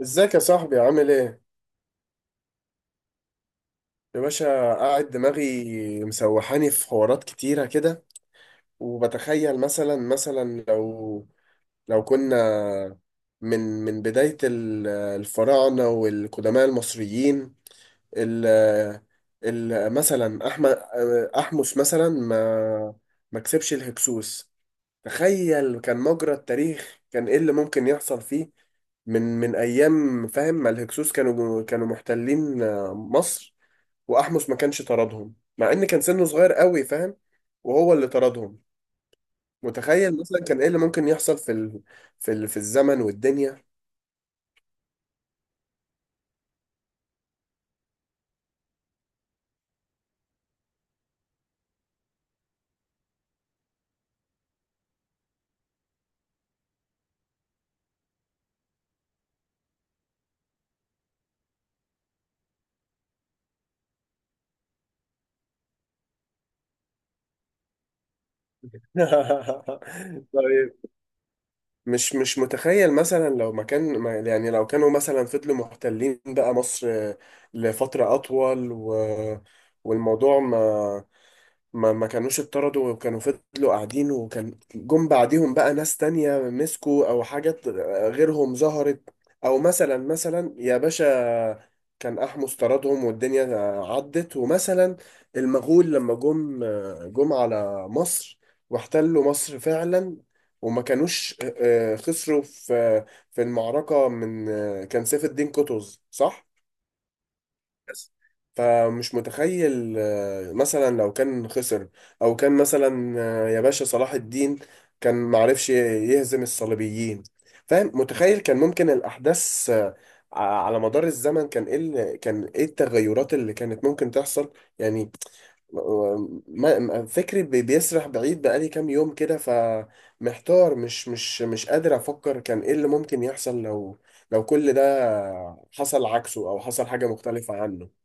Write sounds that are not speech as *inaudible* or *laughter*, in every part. ازيك يا صاحبي عامل ايه؟ يا باشا، قاعد دماغي مسوحاني في حوارات كتيرة كده، وبتخيل مثلا لو كنا من بداية الفراعنة والقدماء المصريين، ال ال مثلا أحمس مثلا ما كسبش الهكسوس. تخيل كان مجرى التاريخ، كان ايه اللي ممكن يحصل فيه من أيام، فاهم؟ ما الهكسوس كانوا محتلين مصر، واحمس ما كانش طردهم، مع ان كان سنه صغير قوي، فاهم، وهو اللي طردهم. متخيل مثلا كان ايه اللي ممكن يحصل في الزمن والدنيا؟ *laughs* طيب، مش متخيل مثلا لو ما كان ما- يعني لو كانوا مثلا فضلوا محتلين بقى مصر لفترة أطول، والموضوع ما كانوش اتطردوا، وكانوا فضلوا قاعدين، وكان جم بعديهم بقى ناس تانية مسكوا او حاجات غيرهم ظهرت؟ او مثلا يا باشا، كان احمس طردهم والدنيا عدت، ومثلا المغول لما جم على مصر واحتلوا مصر فعلا، وما كانوش خسروا في المعركة. من كان سيف الدين قطز، صح؟ بس. فمش متخيل مثلا لو كان خسر، او كان مثلا يا باشا صلاح الدين كان معرفش يهزم الصليبيين، فاهم؟ متخيل كان ممكن الاحداث على مدار الزمن كان ايه كان ايه التغيرات اللي كانت ممكن تحصل؟ يعني فكري بيسرح بعيد بقالي كام يوم كده، فمحتار، مش قادر افكر كان ايه اللي ممكن يحصل لو كل ده حصل عكسه او حصل حاجة مختلفة عنه.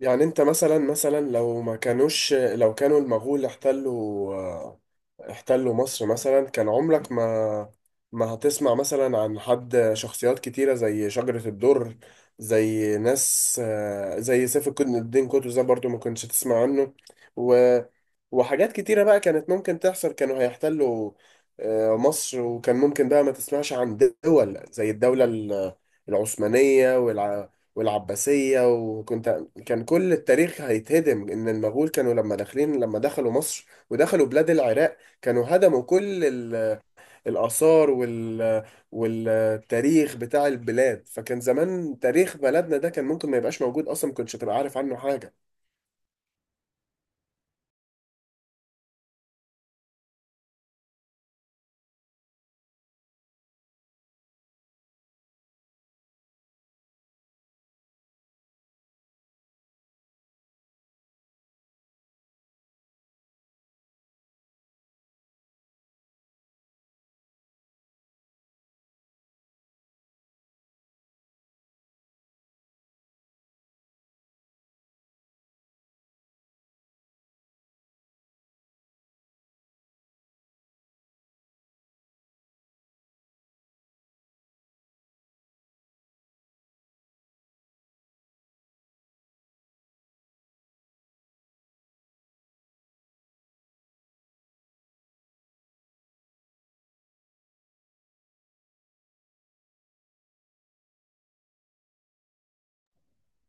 يعني انت مثلا مثلا لو ما كانوش لو كانوا المغول احتلوا مصر مثلا، كان عمرك ما هتسمع مثلا عن حد. شخصيات كتيرة زي شجرة الدر، زي ناس زي سيف الدين قطز ده برضو ما كنتش تسمع عنه. و... وحاجات كتيرة بقى كانت ممكن تحصل. كانوا هيحتلوا مصر، وكان ممكن بقى ما تسمعش عن دول زي الدولة العثمانية والعباسية. وكنت، كان كل التاريخ هيتهدم، إن المغول كانوا لما دخلوا مصر ودخلوا بلاد العراق، كانوا هدموا كل الآثار والتاريخ بتاع البلاد. فكان زمان تاريخ بلدنا ده كان ممكن ما يبقاش موجود أصلا، ما كنتش هتبقى عارف عنه حاجة.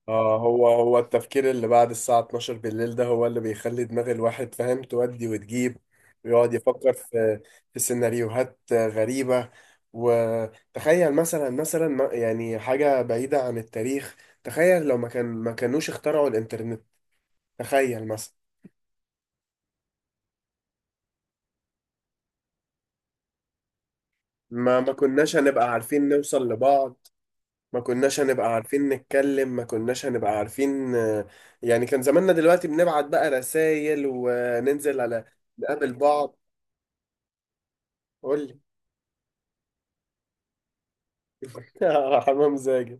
هو التفكير اللي بعد الساعة 12 بالليل ده هو اللي بيخلي دماغ الواحد، فاهم، تودي وتجيب، ويقعد يفكر في سيناريوهات غريبة. وتخيل مثلا يعني حاجة بعيدة عن التاريخ. تخيل لو ما كانوش اخترعوا الإنترنت، تخيل. ما كناش هنبقى عارفين نوصل لبعض، ما كناش هنبقى عارفين نتكلم، ما كناش هنبقى عارفين، يعني، كان زماننا دلوقتي بنبعت بقى رسائل، وننزل على نقابل بعض. قول لي. *laughs* حمام زاجل.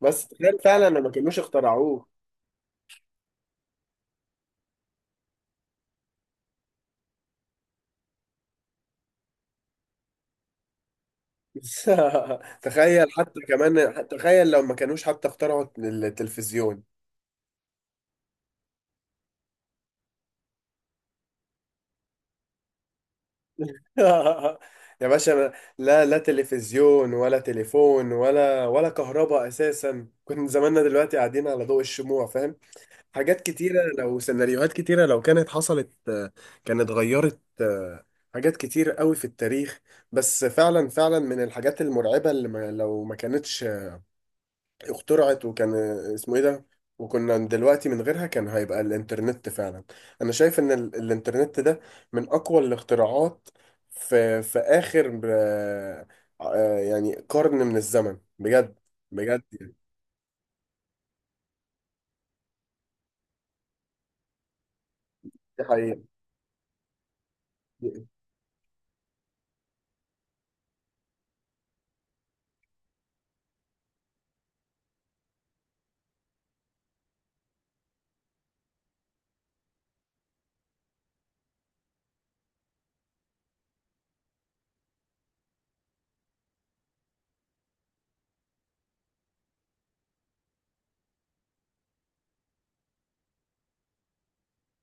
بس تخيل فعلا لما ما كانوش اخترعوه. *laughs* تخيل حتى كمان، تخيل لو ما كانوش حتى اخترعوا التلفزيون. *laughs* يا باشا، أنا لا، لا تلفزيون ولا تليفون ولا كهرباء اساسا. كنا زماننا دلوقتي قاعدين على ضوء الشموع، فاهم؟ حاجات كتيره، لو سيناريوهات كتيره لو كانت حصلت كانت غيرت حاجات كتير قوي في التاريخ. بس فعلا، فعلا، من الحاجات المرعبه اللي ما لو ما كانتش اخترعت، وكان اسمه ايه ده، وكنا دلوقتي من غيرها، كان هيبقى الانترنت فعلا. انا شايف ان الانترنت ده من اقوى الاختراعات في اخر يعني قرن من الزمن، بجد. بجد يعني. دي حقيقة.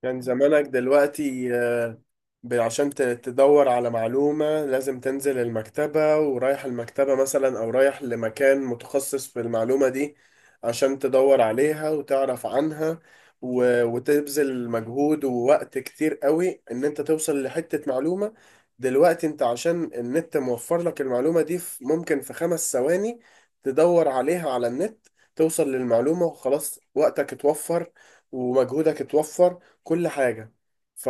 كان زمانك دلوقتي، عشان تدور على معلومة، لازم تنزل المكتبة، ورايح المكتبة مثلا، أو رايح لمكان متخصص في المعلومة دي عشان تدور عليها وتعرف عنها، وتبذل مجهود ووقت كتير قوي إن أنت توصل لحتة معلومة. دلوقتي أنت عشان النت موفر لك المعلومة دي، ممكن في 5 ثواني تدور عليها على النت، توصل للمعلومة وخلاص. وقتك اتوفر، ومجهودك اتوفر، كل حاجة. ف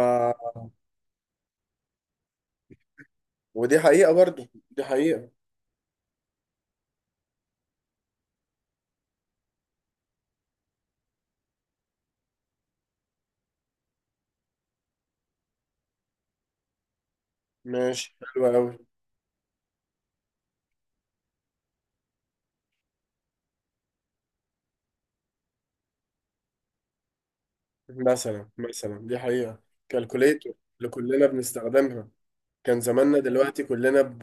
ودي حقيقة، برضو دي حقيقة. ماشي، حلوة أوي. مثلا دي حقيقة. كالكوليتور اللي كلنا بنستخدمها، كان زماننا دلوقتي كلنا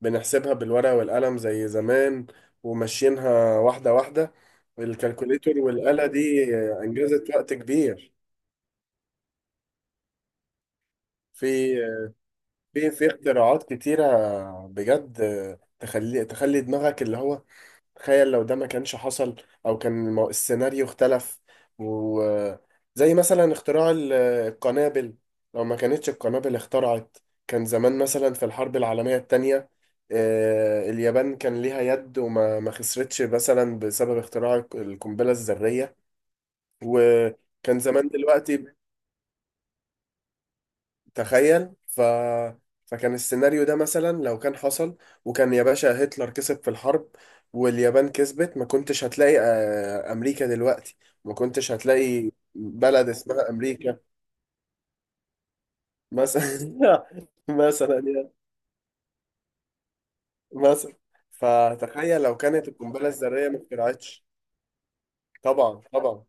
بنحسبها بالورقة والقلم زي زمان، وماشيينها واحدة واحدة. الكالكوليتور والآلة دي أنجزت وقت كبير. في في اختراعات كتيرة بجد. تخلي دماغك اللي هو، تخيل لو ده ما كانش حصل، او كان السيناريو اختلف. وزي مثلا اختراع القنابل، لو ما كانتش القنابل اخترعت، كان زمان مثلا في الحرب العالمية التانية اليابان كان ليها يد، وما ما خسرتش مثلا بسبب اختراع القنبلة الذرية. وكان زمان دلوقتي تخيل، فكان السيناريو ده مثلا لو كان حصل، وكان يا باشا هتلر كسب في الحرب واليابان كسبت، ما كنتش هتلاقي أمريكا دلوقتي، ما كنتش هتلاقي بلد اسمها أمريكا. مثلا. *laughs* مثلا يعني. مثلا، فتخيل لو كانت القنبلة الذرية ما اخترعتش. طبعا، طبعا.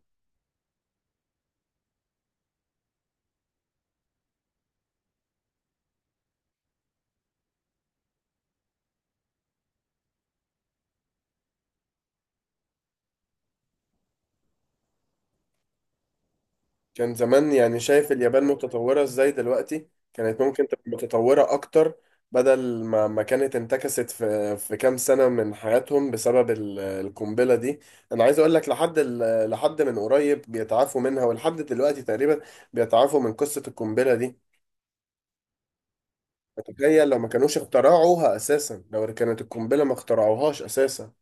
كان زمان، يعني شايف اليابان متطورة ازاي دلوقتي، كانت ممكن تبقى متطورة اكتر، بدل ما كانت انتكست في كام سنة من حياتهم بسبب القنبلة دي. انا عايز اقول لك لحد لحد من قريب بيتعافوا منها، ولحد دلوقتي تقريبا بيتعافوا من قصة القنبلة دي. تخيل لو ما كانوش اخترعوها اساسا، لو كانت القنبلة ما اخترعوهاش اساسا،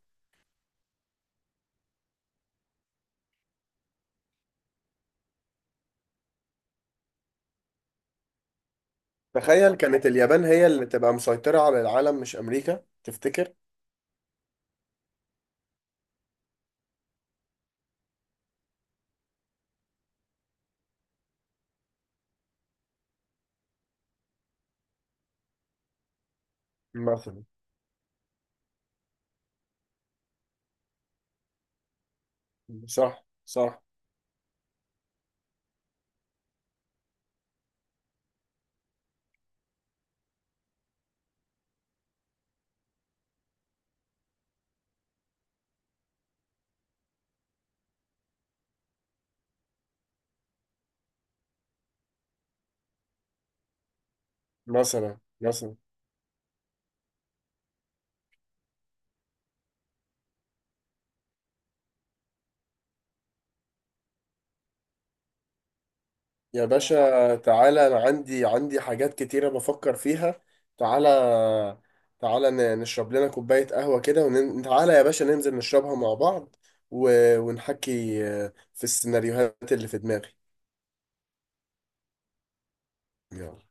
تخيل، كانت اليابان هي اللي تبقى مسيطرة على العالم مش امريكا، تفتكر؟ مثلا. صح، صح. مثلا يا باشا تعالى، انا عندي حاجات كتيرة بفكر فيها. تعالى، تعالى نشرب لنا كوباية قهوة كده، وتعالى يا باشا ننزل نشربها مع بعض، و... ونحكي في السيناريوهات اللي في دماغي. يلا.